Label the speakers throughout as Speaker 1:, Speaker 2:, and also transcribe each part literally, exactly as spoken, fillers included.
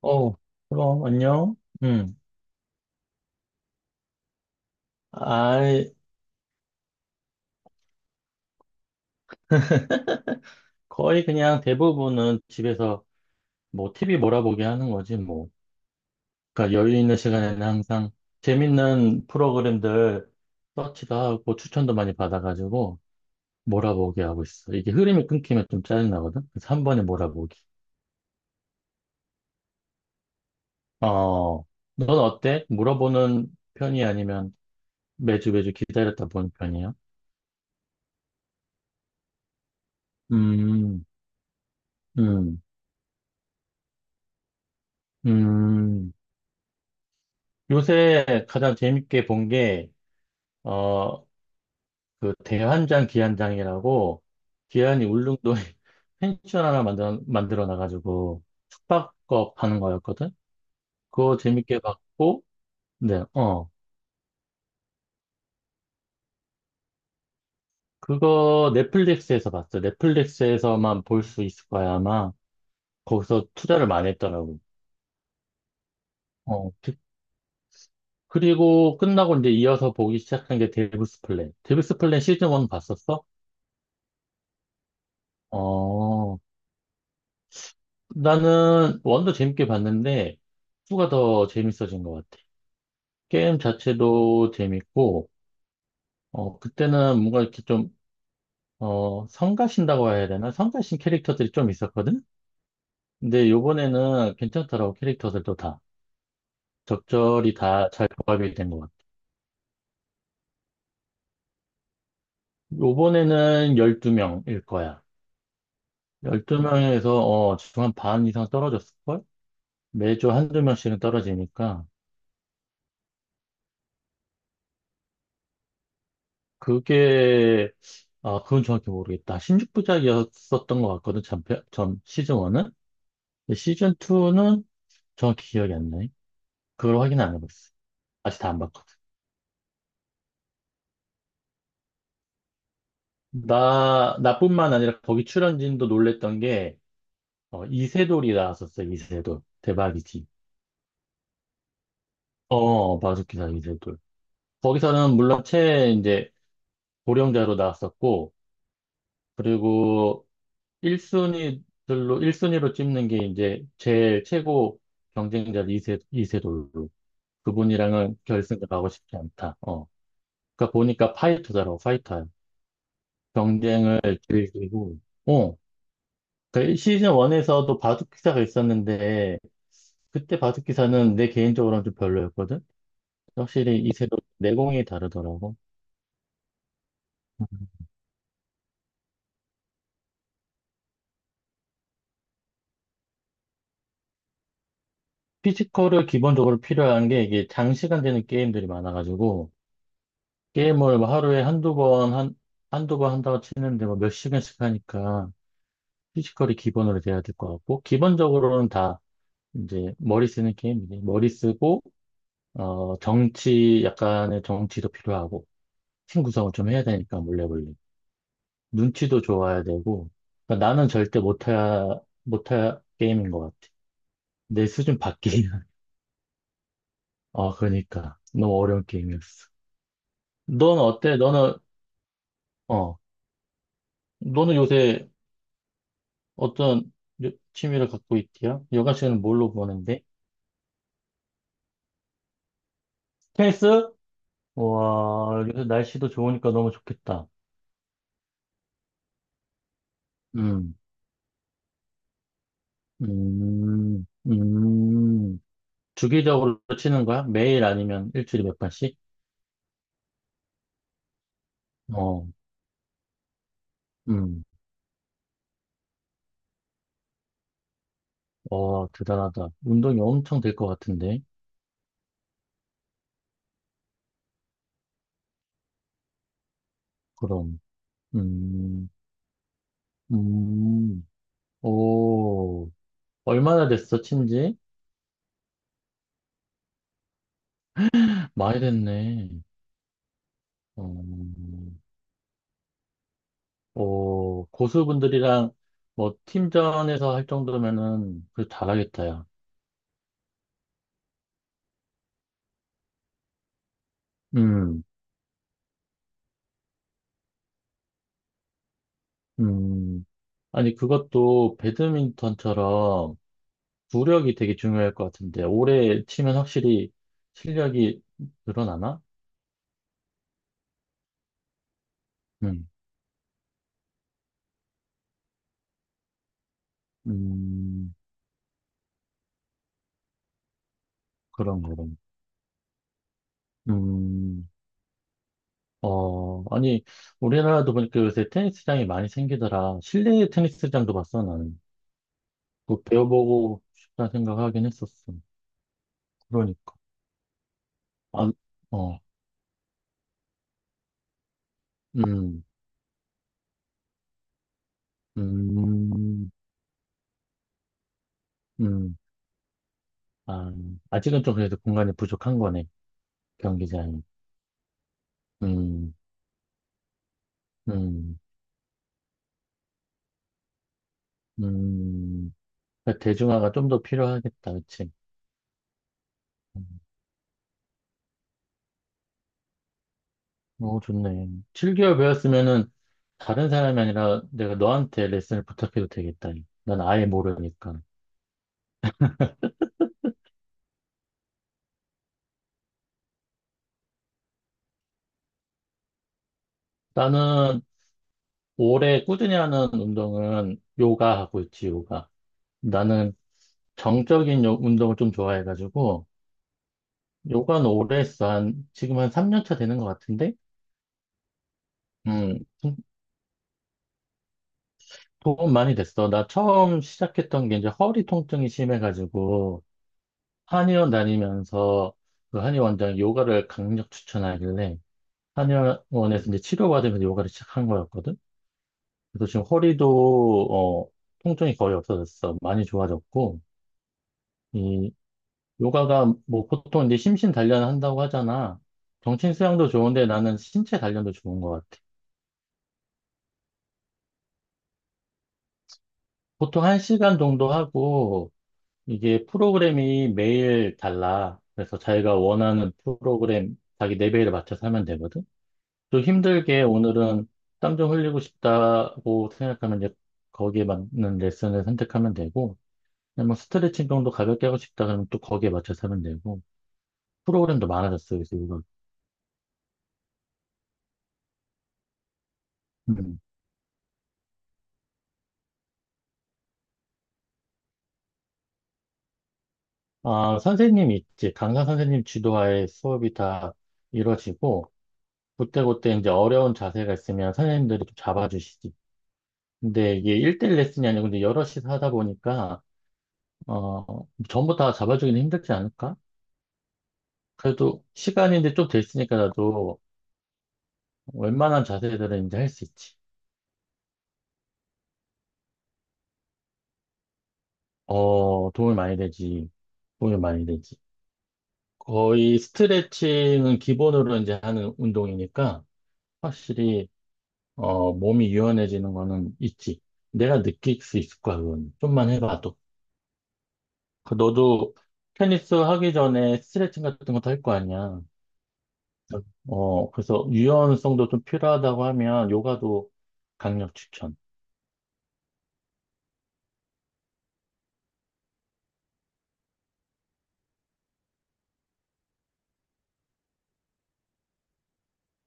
Speaker 1: 어, 그럼, 안녕. 음. 아, 거의 그냥 대부분은 집에서 뭐 티비 몰아보기 하는 거지, 뭐. 그러니까 여유 있는 시간에는 항상 재밌는 프로그램들 서치도 하고 추천도 많이 받아가지고 몰아보기 하고 있어. 이게 흐름이 끊기면 좀 짜증나거든? 그래서 한 번에 몰아보기. 어, 넌 어때? 물어보는 편이 아니면 매주 매주 기다렸다 보는 편이야? 음, 음, 음. 요새 가장 재밌게 본게 어, 그 대환장 기안장이라고 기안이 울릉도에 펜션 하나 만들어, 만들어 놔가지고 숙박업 하는 거였거든? 그거 재밌게 봤고, 네, 어. 그거 넷플릭스에서 봤어. 넷플릭스에서만 볼 수 있을 거야, 아마. 거기서 투자를 많이 했더라고. 어, 그- 그리고 끝나고 이제 이어서 보기 시작한 게 데빌스 플랜. 데빌스 플랜 시즌 원 봤었어? 어, 나는 원도 재밌게 봤는데, 투가 더 재밌어진 것 같아. 게임 자체도 재밌고, 어, 그때는 뭔가 이렇게 좀, 어, 성가신다고 해야 되나? 성가신 캐릭터들이 좀 있었거든? 근데 요번에는 괜찮더라고, 캐릭터들도 다. 적절히 다 잘 조합이 된 것 같아. 요번에는 열두 명일 거야. 열두 명에서, 어, 지금 한반 이상 떨어졌을걸? 매주 한 두 명씩은 떨어지니까. 그게, 아, 그건 정확히 모르겠다. 십육 부작이었었던 것 같거든, 전, 편- 전 시즌 원은? 시즌 투는 정확히 기억이 안 나네. 그걸 확인 안 해봤어. 아직 다 안 봤거든. 나, 나뿐만 아니라 거기 출연진도 놀랬던 게, 어, 이세돌이 나왔었어, 이세돌. 대박이지. 어, 바둑기사 이세돌. 거기서는 물론 최, 이제, 고령자로 나왔었고, 그리고 일 순위들로, 일순위로 찝는 게 이제 제일 최고 경쟁자 이세, 이세돌로. 그분이랑은 결승을 가고 싶지 않다. 어. 그러니까 보니까 파이터더라고, 파이터. 경쟁을 즐기고, 어, 그 시즌 원에서도 바둑 기사가 있었는데, 그때 바둑 기사는 내 개인적으로는 좀 별로였거든? 확실히 이세돌 내공이 다르더라고. 피지컬을 기본적으로 필요한 게 이게 장시간 되는 게임들이 많아가지고, 게임을 뭐 하루에 한두 번, 한, 한두 번 한다고 치는데 뭐 몇 시간씩 하니까 피지컬이 기본으로 돼야 될 것 같고, 기본적으로는 다 이제 머리 쓰는 게임이지. 머리 쓰고, 어, 정치, 약간의 정치도 필요하고, 팀 구성을 좀 해야 되니까, 몰래몰래. 눈치도 좋아야 되고, 그러니까 나는 절대 못할, 못할 게임인 것 같아. 내 수준 밖에. 아, 그러니까. 너무 어려운 게임이었어. 넌 어때? 너는, 어, 너는 요새 어떤 요- 취미를 갖고 있디야? 여가 시간은 뭘로 보내는데? 테니스? 와, 요새 날씨도 좋으니까 너무 좋겠다. 음, 음, 음. 주기적으로 치는 거야? 매일 아니면 일주일에 몇 번씩? 어, 음. 와, 대단하다. 운동이 엄청 될 것 같은데? 그럼, 음, 음, 오, 얼마나 됐어, 친지? 많이 됐네. 음, 오, 고수분들이랑 뭐 팀전에서 할 정도면은 그 잘하겠다, 야. 음, 음. 아니, 그것도 배드민턴처럼 구력이 되게 중요할 것 같은데, 오래 치면 확실히 실력이 늘어나나? 음, 음, 그런, 그런. 음, 어, 아니, 우리나라도 보니까 요새 테니스장이 많이 생기더라. 실내 테니스장도 봤어, 나는. 뭐 배워보고 싶다 생각하긴 했었어. 그러니까. 아, 어, 음, 음, 음. 아, 아직은 좀 그래도 공간이 부족한 거네, 경기장이. 음, 음, 음. 그러니까 대중화가 좀 더 필요하겠다, 그치? 어, 좋네. 칠 개월 배웠으면은 다른 사람이 아니라 내가 너한테 레슨을 부탁해도 되겠다. 난 아예 모르니까. 나는 오래 꾸준히 하는 운동은 요가 하고 있지, 요가. 나는 정적인 요- 운동을 좀 좋아해가지고, 요가는 오래 했어. 한, 지금 한 삼 년 차 되는 것 같은데? 음, 좀 도움 많이 됐어. 나 처음 시작했던 게 이제 허리 통증이 심해가지고, 한의원 다니면서 그 한의원장이 요가를 강력 추천하길래, 한의원에서 이제 치료받으면서 요가를 시작한 거였거든. 그래서 지금 허리도 어, 통증이 거의 없어졌어. 많이 좋아졌고 이 요가가 뭐 보통 이제 심신 단련 한다고 하잖아. 정신 수양도 좋은데 나는 신체 단련도 좋은 것 같아. 보통 한 시간 정도 하고 이게 프로그램이 매일 달라. 그래서 자기가 원하는 프로그램 자기 레벨에 맞춰서 하면 되거든. 좀 힘들게 오늘은 땀 좀 흘리고 싶다고 생각하면 이제 거기에 맞는 레슨을 선택하면 되고, 그냥 뭐 스트레칭 정도 가볍게 하고 싶다 그러면 또 거기에 맞춰서 하면 되고, 프로그램도 많아졌어요. 그래서 이거, 음. 아, 선생님 있지. 강사 선생님 지도하에 수업이 다 이루어지고, 그때그때 이제 어려운 자세가 있으면 선생님들이 좀 잡아주시지. 근데 이게 일 대일 레슨이 아니고 이제 여럿이 하다 보니까, 어, 전부 다 잡아주기는 힘들지 않을까? 그래도 시간이 이제 좀 됐으니까 나도 웬만한 자세들은 이제 할 수 있지. 어, 도움이 많이 되지. 도움이 많이 되지. 거의 스트레칭은 기본으로 이제 하는 운동이니까 확실히 어, 몸이 유연해지는 거는 있지. 내가 느낄 수 있을 거야, 그건. 좀만 해봐도. 그 너도 테니스 하기 전에 스트레칭 같은 것도 할 거 아니야. 어, 그래서 유연성도 좀 필요하다고 하면 요가도 강력 추천.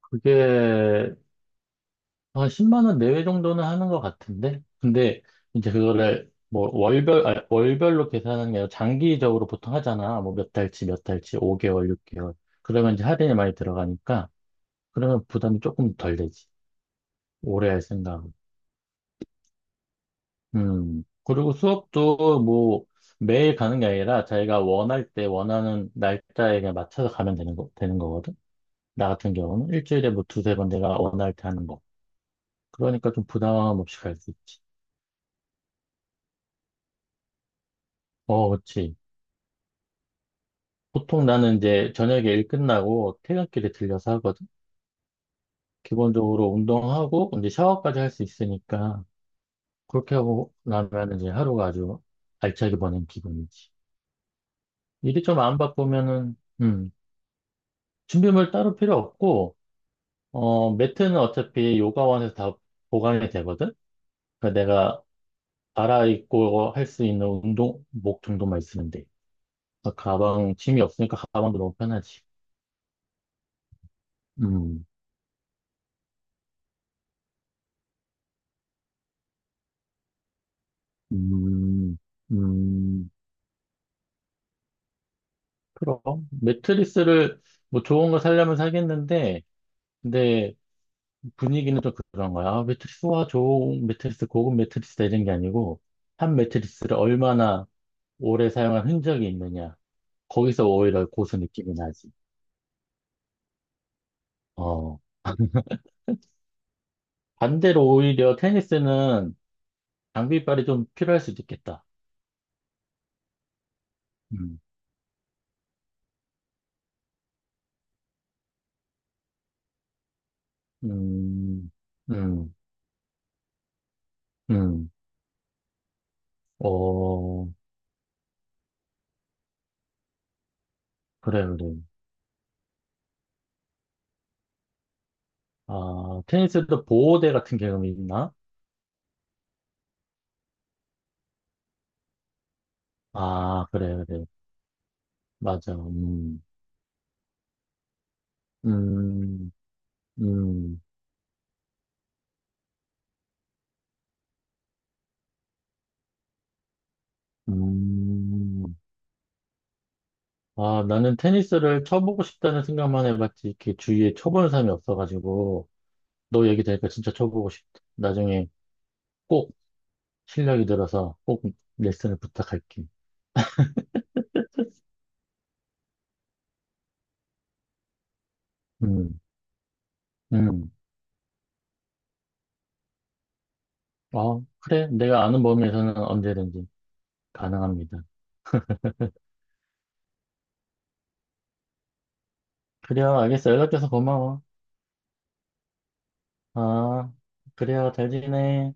Speaker 1: 그게 한 십만 원 내외 정도는 하는 것 같은데? 근데 이제 그거를 뭐 월별, 아, 월별로 계산하는 게 아니라 장기적으로 보통 하잖아. 뭐 몇 달치, 몇 달치, 오 개월, 육 개월. 그러면 이제 할인이 많이 들어가니까 그러면 부담이 조금 덜 되지. 오래 할 생각은. 음. 그리고 수업도 뭐 매일 가는 게 아니라 자기가 원할 때 원하는 날짜에 그냥 맞춰서 가면 되는 거, 되는 거거든. 나 같은 경우는 일주일에 뭐 두세 번 내가 원할 때 하는 거. 그러니까 좀 부담 없이 갈 수 있지. 어, 그렇지. 보통 나는 이제 저녁에 일 끝나고 퇴근길에 들려서 하거든. 기본적으로 운동하고 이제 샤워까지 할 수 있으니까 그렇게 하고 나면 이제 하루가 아주 알차게 보낸 기분이지. 일이 좀 안 바쁘면은 음, 준비물 따로 필요 없고 어 매트는 어차피 요가원에서 다 보관이 되거든. 그러니까 내가 갈아입고 할 수 있는 운동복 정도만 있으면 돼. 가방 짐이 없으니까 가방도 너무 편하지. 음, 음, 음. 그럼 매트리스를 뭐 좋은 거 사려면 사겠는데 근데 분위기는 좀 그런 거야. 아, 매트리스 와 좋은 매트리스 고급 매트리스다 이런 게 아니고 한 매트리스를 얼마나 오래 사용한 흔적이 있느냐. 거기서 오히려 고수 느낌이 나지. 어 반대로 오히려 테니스는 장비빨이 좀 필요할 수도 있겠다. 음, 음, 음, 음. 어 그래 그래. 아 테니스도 보호대 같은 개념이 있나? 아 그래 그래. 맞아. 음, 음, 음, 음. 아, 나는 테니스를 쳐보고 싶다는 생각만 해봤지. 이렇게 주위에 쳐보는 사람이 없어가지고, 너 얘기 들으니까 진짜 쳐보고 싶다. 나중에 꼭 실력이 들어서 꼭 레슨을 부탁할게. 음, 음. 어, 그래. 내가 아는 범위에서는 언제든지 가능합니다. 그래요. 알겠어. 연락줘서 고마워. 아, 그래요. 잘 지내.